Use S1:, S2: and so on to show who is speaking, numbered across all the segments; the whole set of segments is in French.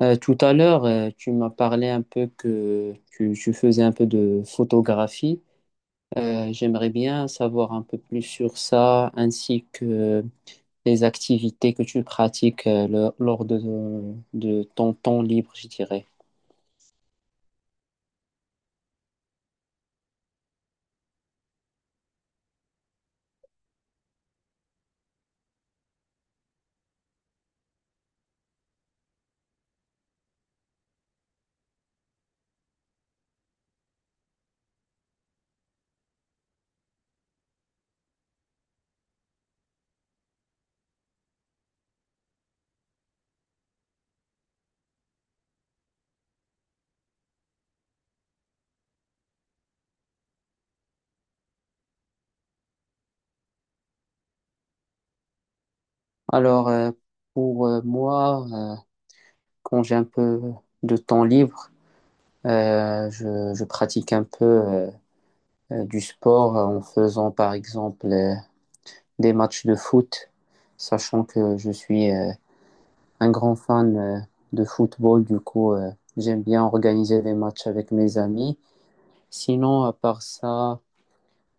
S1: Tout à l'heure, tu m'as parlé un peu que tu faisais un peu de photographie. J'aimerais bien savoir un peu plus sur ça, ainsi que les activités que tu pratiques lors de ton temps libre, je dirais. Alors, pour moi, quand j'ai un peu de temps libre, je pratique un peu du sport en faisant, par exemple, des matchs de foot, sachant que je suis... un grand fan de football. Du coup, j'aime bien organiser des matchs avec mes amis. Sinon, à part ça,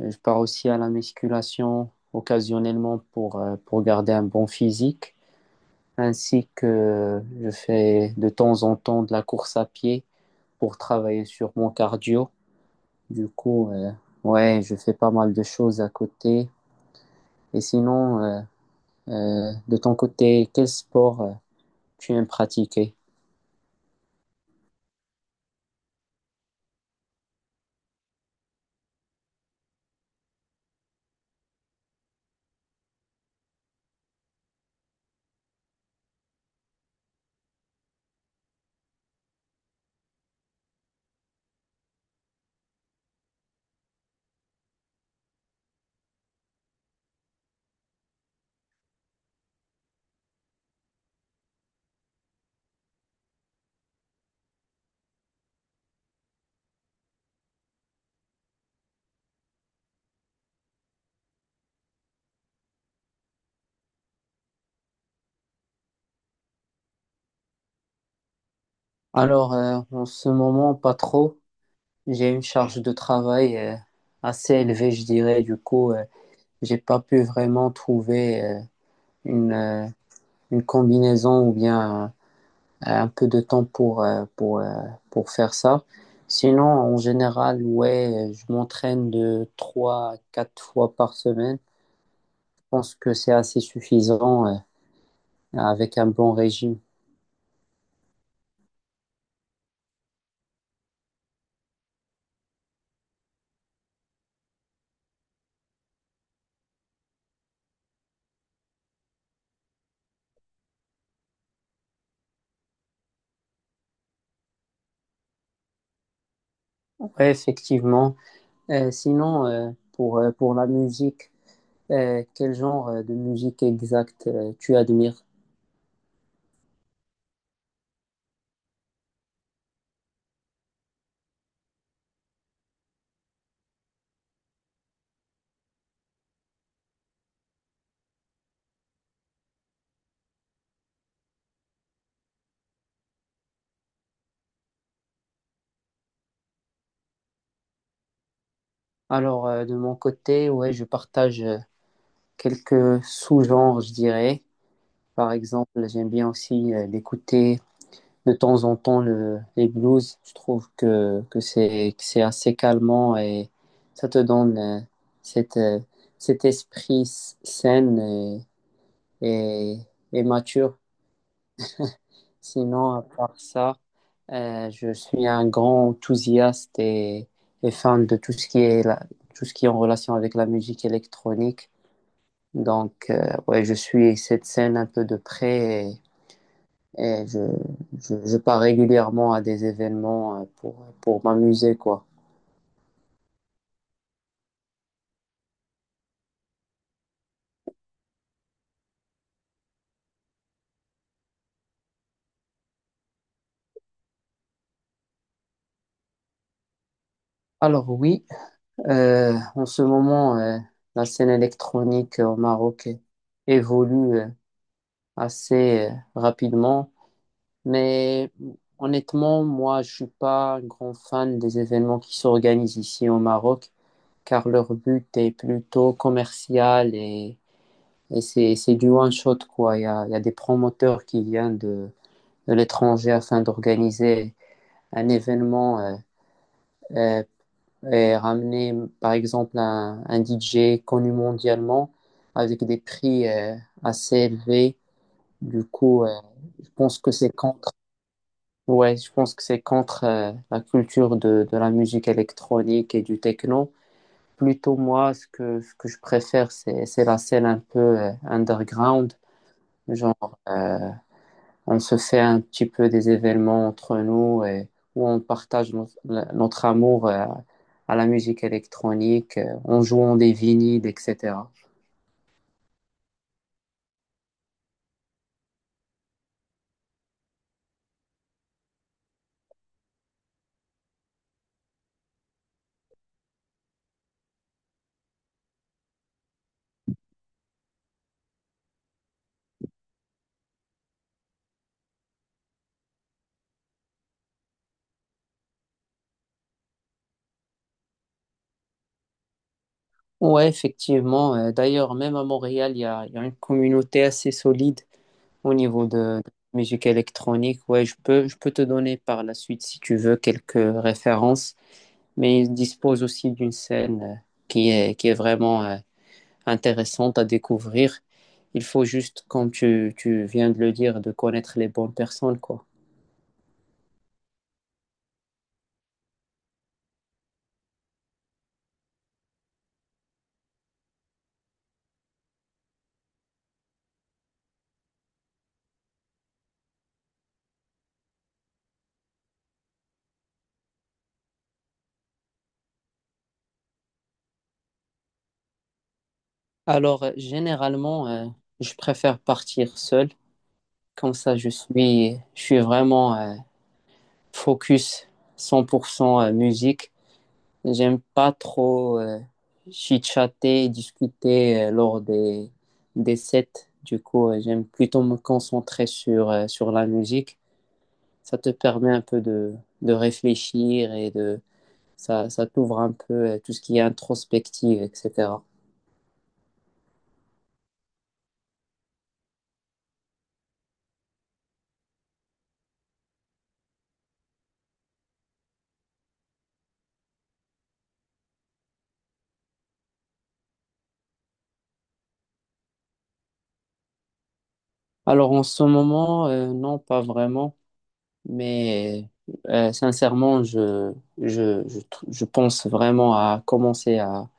S1: je pars aussi à la musculation occasionnellement pour garder un bon physique, ainsi que je fais de temps en temps de la course à pied pour travailler sur mon cardio. Du coup, ouais, je fais pas mal de choses à côté. Et sinon, de ton côté, quel sport tu aimes pratiquer? Alors, en ce moment, pas trop. J'ai une charge de travail assez élevée, je dirais. Du coup, j'ai pas pu vraiment trouver une, euh, une combinaison ou bien un peu de temps pour faire ça. Sinon, en général, ouais, je m'entraîne de trois à quatre fois par semaine. Je pense que c'est assez suffisant avec un bon régime. Ouais, effectivement. Sinon, pour la musique, quel genre de musique exacte tu admires? Alors, de mon côté, ouais, je partage quelques sous-genres, je dirais. Par exemple, j'aime bien aussi d'écouter de temps en temps les blues. Je trouve que c'est assez calmant et ça te donne cette, euh, cet esprit sain et, et mature. Sinon, à part ça, je suis un grand enthousiaste et fan de tout ce qui est tout ce qui est en relation avec la musique électronique. Donc, ouais, je suis cette scène un peu de près et je pars régulièrement à des événements pour m'amuser, quoi. Alors oui, en ce moment, la scène électronique au Maroc évolue assez rapidement. Mais honnêtement, moi, je suis pas un grand fan des événements qui s'organisent ici au Maroc, car leur but est plutôt commercial et c'est du one shot, quoi. Il y a des promoteurs qui viennent de l'étranger afin d'organiser un événement euh, et ramener, par exemple, un DJ connu mondialement avec des prix assez élevés. Du coup, je pense que c'est quand. Ouais, je pense que c'est contre la culture de la musique électronique et du techno. Plutôt moi, ce que je préfère, c'est la scène un peu underground. Genre, on se fait un petit peu des événements entre nous et où on partage notre amour à la musique électronique, en jouant des vinyles, etc. Ouais, effectivement. D'ailleurs, même à Montréal, il y a une communauté assez solide au niveau de musique électronique. Ouais, je peux te donner par la suite, si tu veux, quelques références, mais il dispose aussi d'une scène qui est vraiment intéressante à découvrir. Il faut juste, comme tu viens de le dire, de connaître les bonnes personnes, quoi. Alors, généralement, je préfère partir seul. Comme ça, je suis vraiment focus 100% à musique. J'aime pas trop chitchater et discuter lors des sets. Du coup, j'aime plutôt me concentrer sur la musique. Ça te permet un peu de réfléchir ça t'ouvre un peu tout ce qui est introspective, etc. Alors en ce moment, non, pas vraiment, mais sincèrement, je pense vraiment à commencer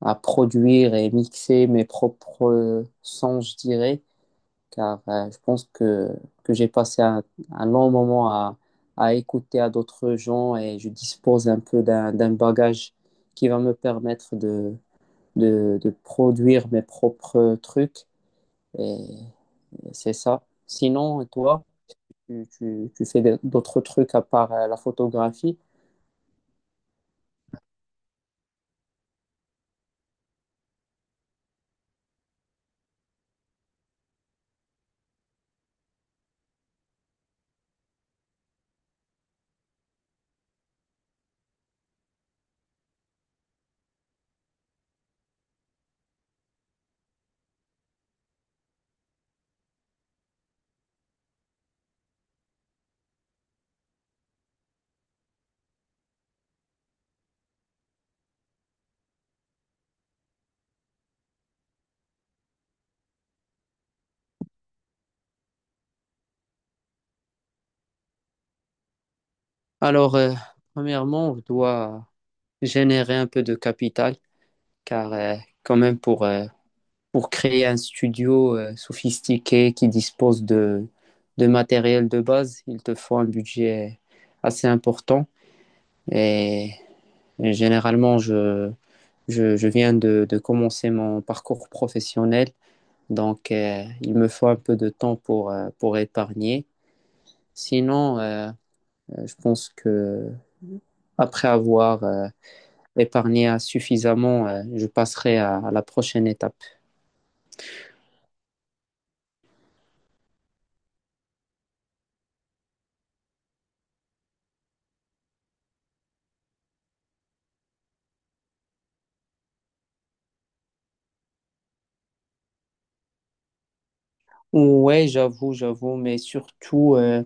S1: à produire et mixer mes propres sons, je dirais, car je pense que j'ai passé un long moment à écouter à d'autres gens et je dispose un peu d'un bagage qui va me permettre de produire mes propres trucs et c'est ça. Sinon, et toi, tu fais d'autres trucs à part la photographie? Alors, premièrement, on doit générer un peu de capital car quand même pour créer un studio sophistiqué qui dispose de matériel de base, il te faut un budget assez important. Et, et généralement, je viens de commencer mon parcours professionnel, donc il me faut un peu de temps pour épargner. Sinon, je pense que après avoir épargné suffisamment, je passerai à la prochaine étape. Ouais, j'avoue, j'avoue, mais surtout,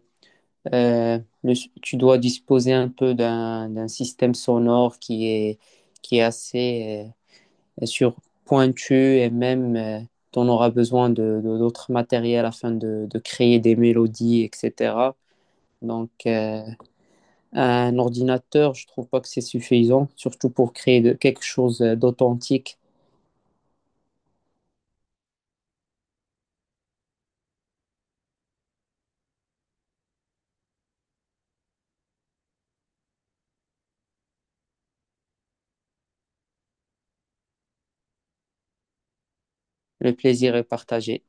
S1: euh, le- tu dois disposer un peu d'un système sonore qui est assez sur pointu et même t'en auras besoin d'autres matériels afin de créer des mélodies, etc. Donc, un ordinateur, je trouve pas que c'est suffisant, surtout pour créer quelque chose d'authentique. Le plaisir est partagé.